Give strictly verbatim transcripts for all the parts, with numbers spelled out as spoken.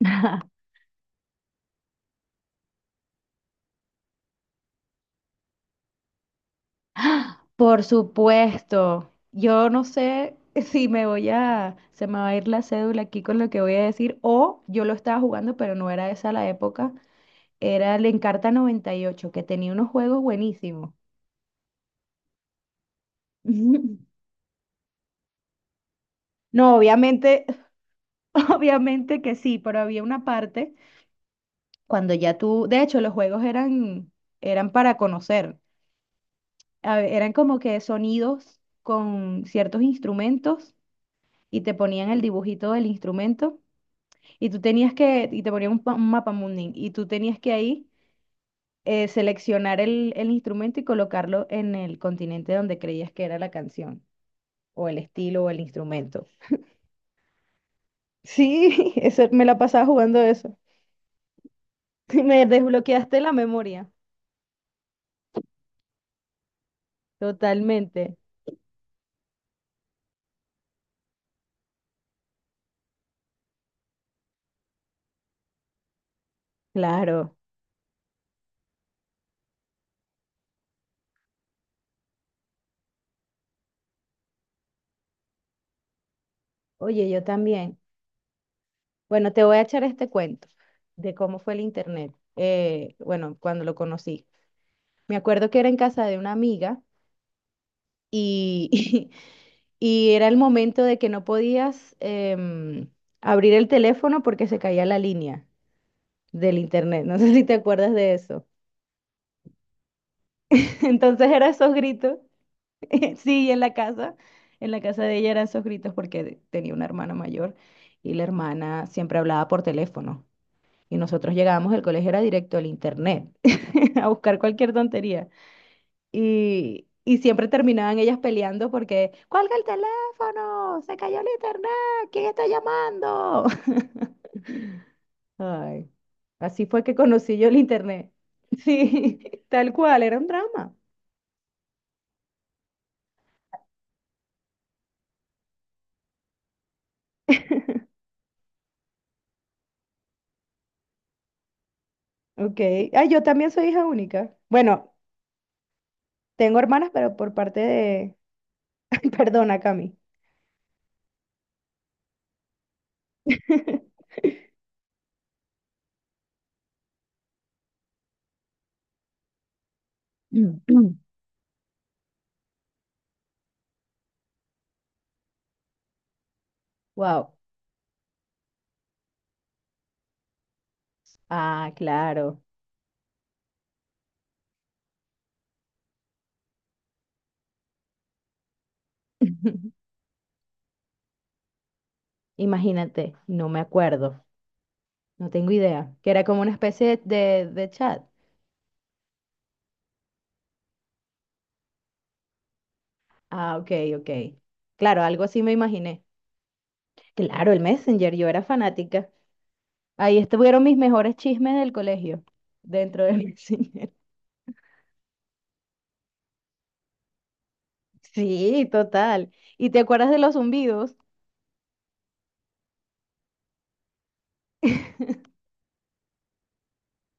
Por supuesto, yo no sé si me voy a, se me va a ir la cédula aquí con lo que voy a decir, o yo lo estaba jugando, pero no era esa la época, era el Encarta noventa y ocho que tenía unos juegos buenísimos. No, obviamente, obviamente que sí, pero había una parte cuando ya tú, de hecho, los juegos eran, eran para conocer, a- eran como que sonidos con ciertos instrumentos y te ponían el dibujito del instrumento. Y tú tenías que, y te ponían un, pa- un mapa mundi, y tú tenías que ahí eh, seleccionar el, el instrumento y colocarlo en el continente donde creías que era la canción, o el estilo, o el instrumento. Sí, eso, me la pasaba jugando eso. Me desbloqueaste la memoria. Totalmente. Claro. Oye, yo también. Bueno, te voy a echar este cuento de cómo fue el internet. Eh, bueno, cuando lo conocí. Me acuerdo que era en casa de una amiga y, y era el momento de que no podías em, abrir el teléfono porque se caía la línea del internet. No sé si te acuerdas de eso. Entonces eran esos gritos. Sí, en la casa, en la casa de ella eran esos gritos porque tenía una hermana mayor y la hermana siempre hablaba por teléfono. Y nosotros llegábamos, el colegio era directo al internet a buscar cualquier tontería. Y, y siempre terminaban ellas peleando porque, cuelga el teléfono, se cayó el internet, ¿quién está llamando? Ay, así fue que conocí yo el internet. Sí, tal cual, era un drama. Ok, ah, yo también soy hija única. Bueno, tengo hermanas, pero por parte de... Ay, perdona, Cami. Wow. Ah, claro. Imagínate, no me acuerdo, no tengo idea, que era como una especie de, de chat. Ah, ok, ok. Claro, algo así me imaginé. Claro, el Messenger, yo era fanática. Ahí estuvieron mis mejores chismes del colegio, dentro del Messenger. Sí, total. ¿Y te acuerdas de los zumbidos?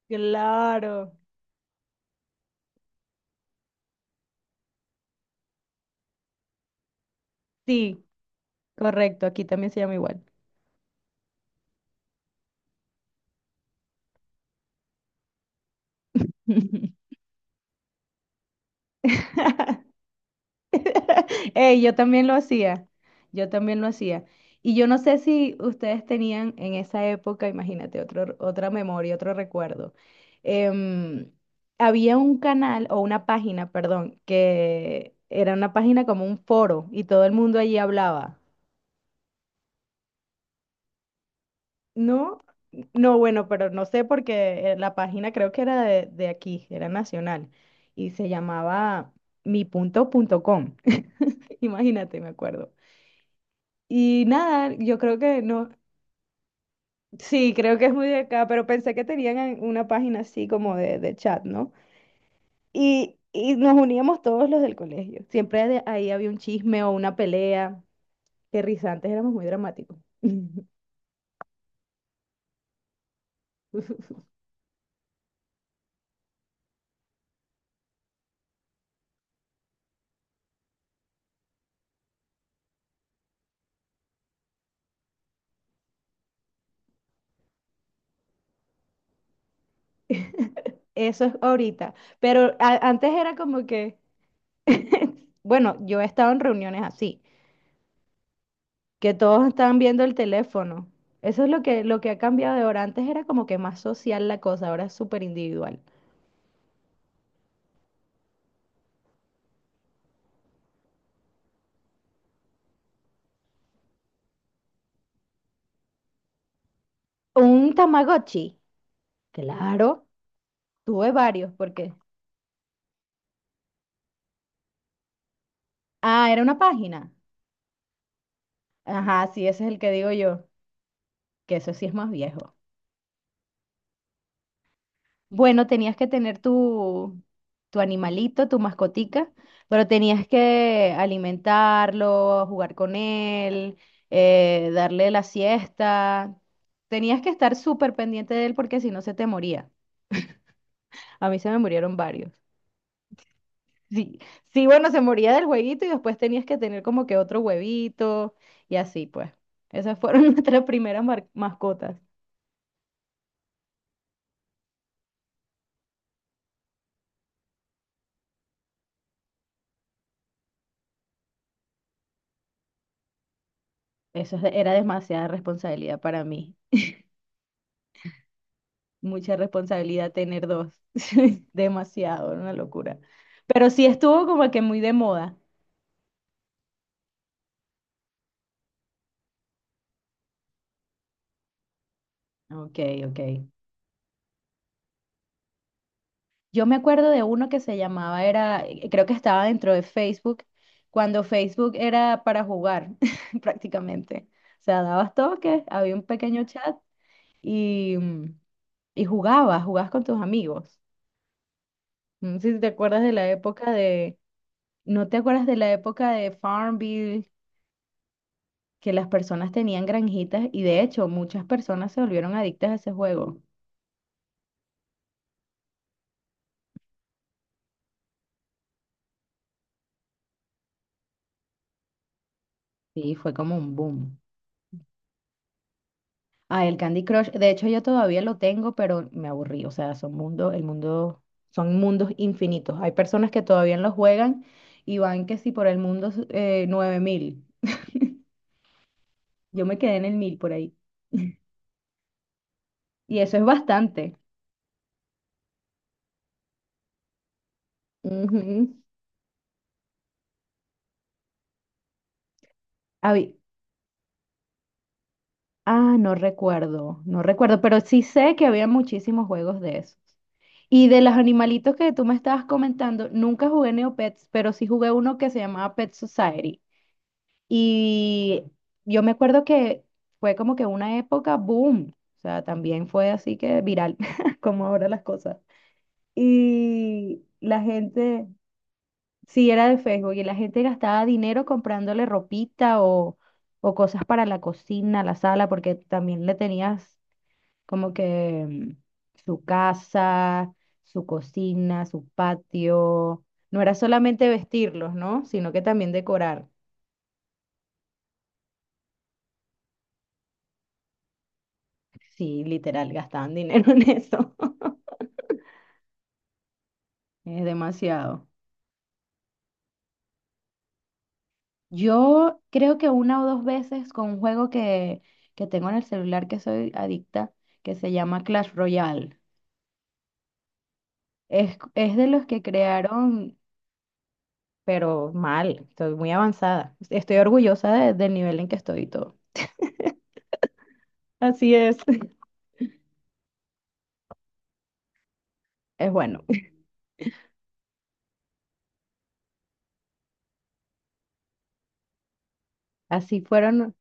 Claro. Sí, correcto, aquí también se llama igual. Ey, yo también lo hacía, yo también lo hacía. Y yo no sé si ustedes tenían en esa época, imagínate, otro, otra memoria, otro recuerdo. Em, Había un canal o una página, perdón, que era una página como un foro y todo el mundo allí hablaba. No, no, bueno, pero no sé porque eh, la página creo que era de, de aquí, era nacional y se llamaba mi punto punto com. Imagínate, me acuerdo. Y nada, yo creo que no, sí, creo que es muy de acá, pero pensé que tenían en- una página así como de, de chat, ¿no? Y, y nos uníamos todos los del colegio. Siempre de ahí había un chisme o una pelea. Qué risa, antes éramos muy dramáticos. Eso es ahorita. Pero a- antes era como que, bueno, yo he estado en reuniones así, que todos estaban viendo el teléfono. Eso es lo que, lo que ha cambiado de ahora. Antes era como que más social la cosa, ahora es súper individual. Un Tamagotchi, claro. Tuve varios porque... Ah, era una página. Ajá, sí, ese es el que digo yo, que eso sí es más viejo. Bueno, tenías que tener tu, tu animalito, tu mascotica, pero tenías que alimentarlo, jugar con él, eh, darle la siesta. Tenías que estar súper pendiente de él porque si no se te moría. A mí se me murieron varios. Sí, sí, bueno, se moría del huevito y después tenías que tener como que otro huevito y así pues. Esas fueron nuestras primeras mar- mascotas. Eso es- era demasiada responsabilidad para mí. Mucha responsabilidad tener dos. Sí, demasiado, era una locura. Pero sí estuvo como que muy de moda. Ok, ok. Yo me acuerdo de uno que se llamaba, era, eh, creo que estaba dentro de Facebook, cuando Facebook era para jugar prácticamente. O sea, dabas toques, había un pequeño chat y, mm, y jugabas, jugabas con tus amigos. No sé si te acuerdas de la época de, ¿no te acuerdas de la época de Farmville, que las personas tenían granjitas y de hecho muchas personas se volvieron adictas a ese juego? Sí, fue como un boom. Ah, el Candy Crush, de hecho yo todavía lo tengo, pero me aburrí, o sea, son mundo, el mundo, son mundos infinitos. Hay personas que todavía lo juegan y van que si por el mundo eh, nueve mil. Yo me quedé en el mil por ahí. Y eso es bastante. Ujú. Habi- ah, no recuerdo, no recuerdo, pero sí sé que había muchísimos juegos de esos. Y de los animalitos que tú me estabas comentando, nunca jugué Neopets, pero sí jugué uno que se llamaba Pet Society. Y yo me acuerdo que fue como que una época boom, o sea, también fue así que viral, como ahora las cosas. Y la gente, sí, era de Facebook y la gente gastaba dinero comprándole ropita o, o cosas para la cocina, la sala, porque también le tenías como que mm, su casa, su cocina, su patio. No era solamente vestirlos, ¿no? Sino que también decorar. Sí, literal, gastaban dinero en eso. Es demasiado. Yo creo que una o dos veces con un juego que, que tengo en el celular que soy adicta, que se llama Clash Royale. Es, es de los que crearon, pero mal, estoy muy avanzada. Estoy orgullosa de- del nivel en que estoy y todo. Así es. Es bueno, así fueron,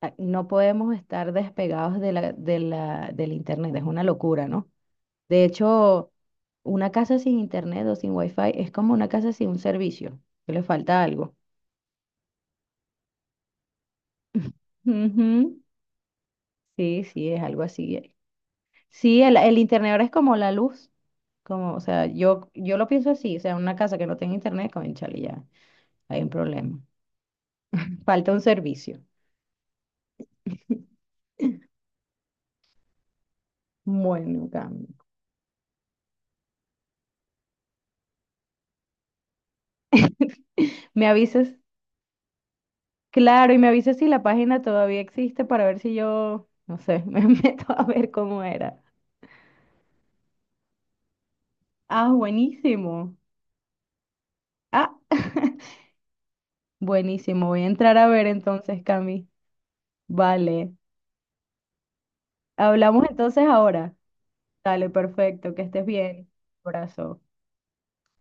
a- no podemos estar despegados de la, de la, del internet, es una locura, ¿no? De hecho, una casa sin internet o sin wifi es como una casa sin un servicio, que le falta algo. Ujú, sí, sí, es algo así. Sí, el, el internet ahora es como la luz, como, o sea, yo, yo lo pienso así, o sea, una casa que no tenga internet, cónchale, ya, hay un problema. Falta un servicio. Bueno, Cami, me avisas, claro, y me avisas si la página todavía existe para ver si yo, no sé, me meto a ver cómo era. Ah, buenísimo. Ah, buenísimo, voy a entrar a ver entonces, Cami. Vale, hablamos entonces ahora. Dale, perfecto, que estés bien. Abrazo.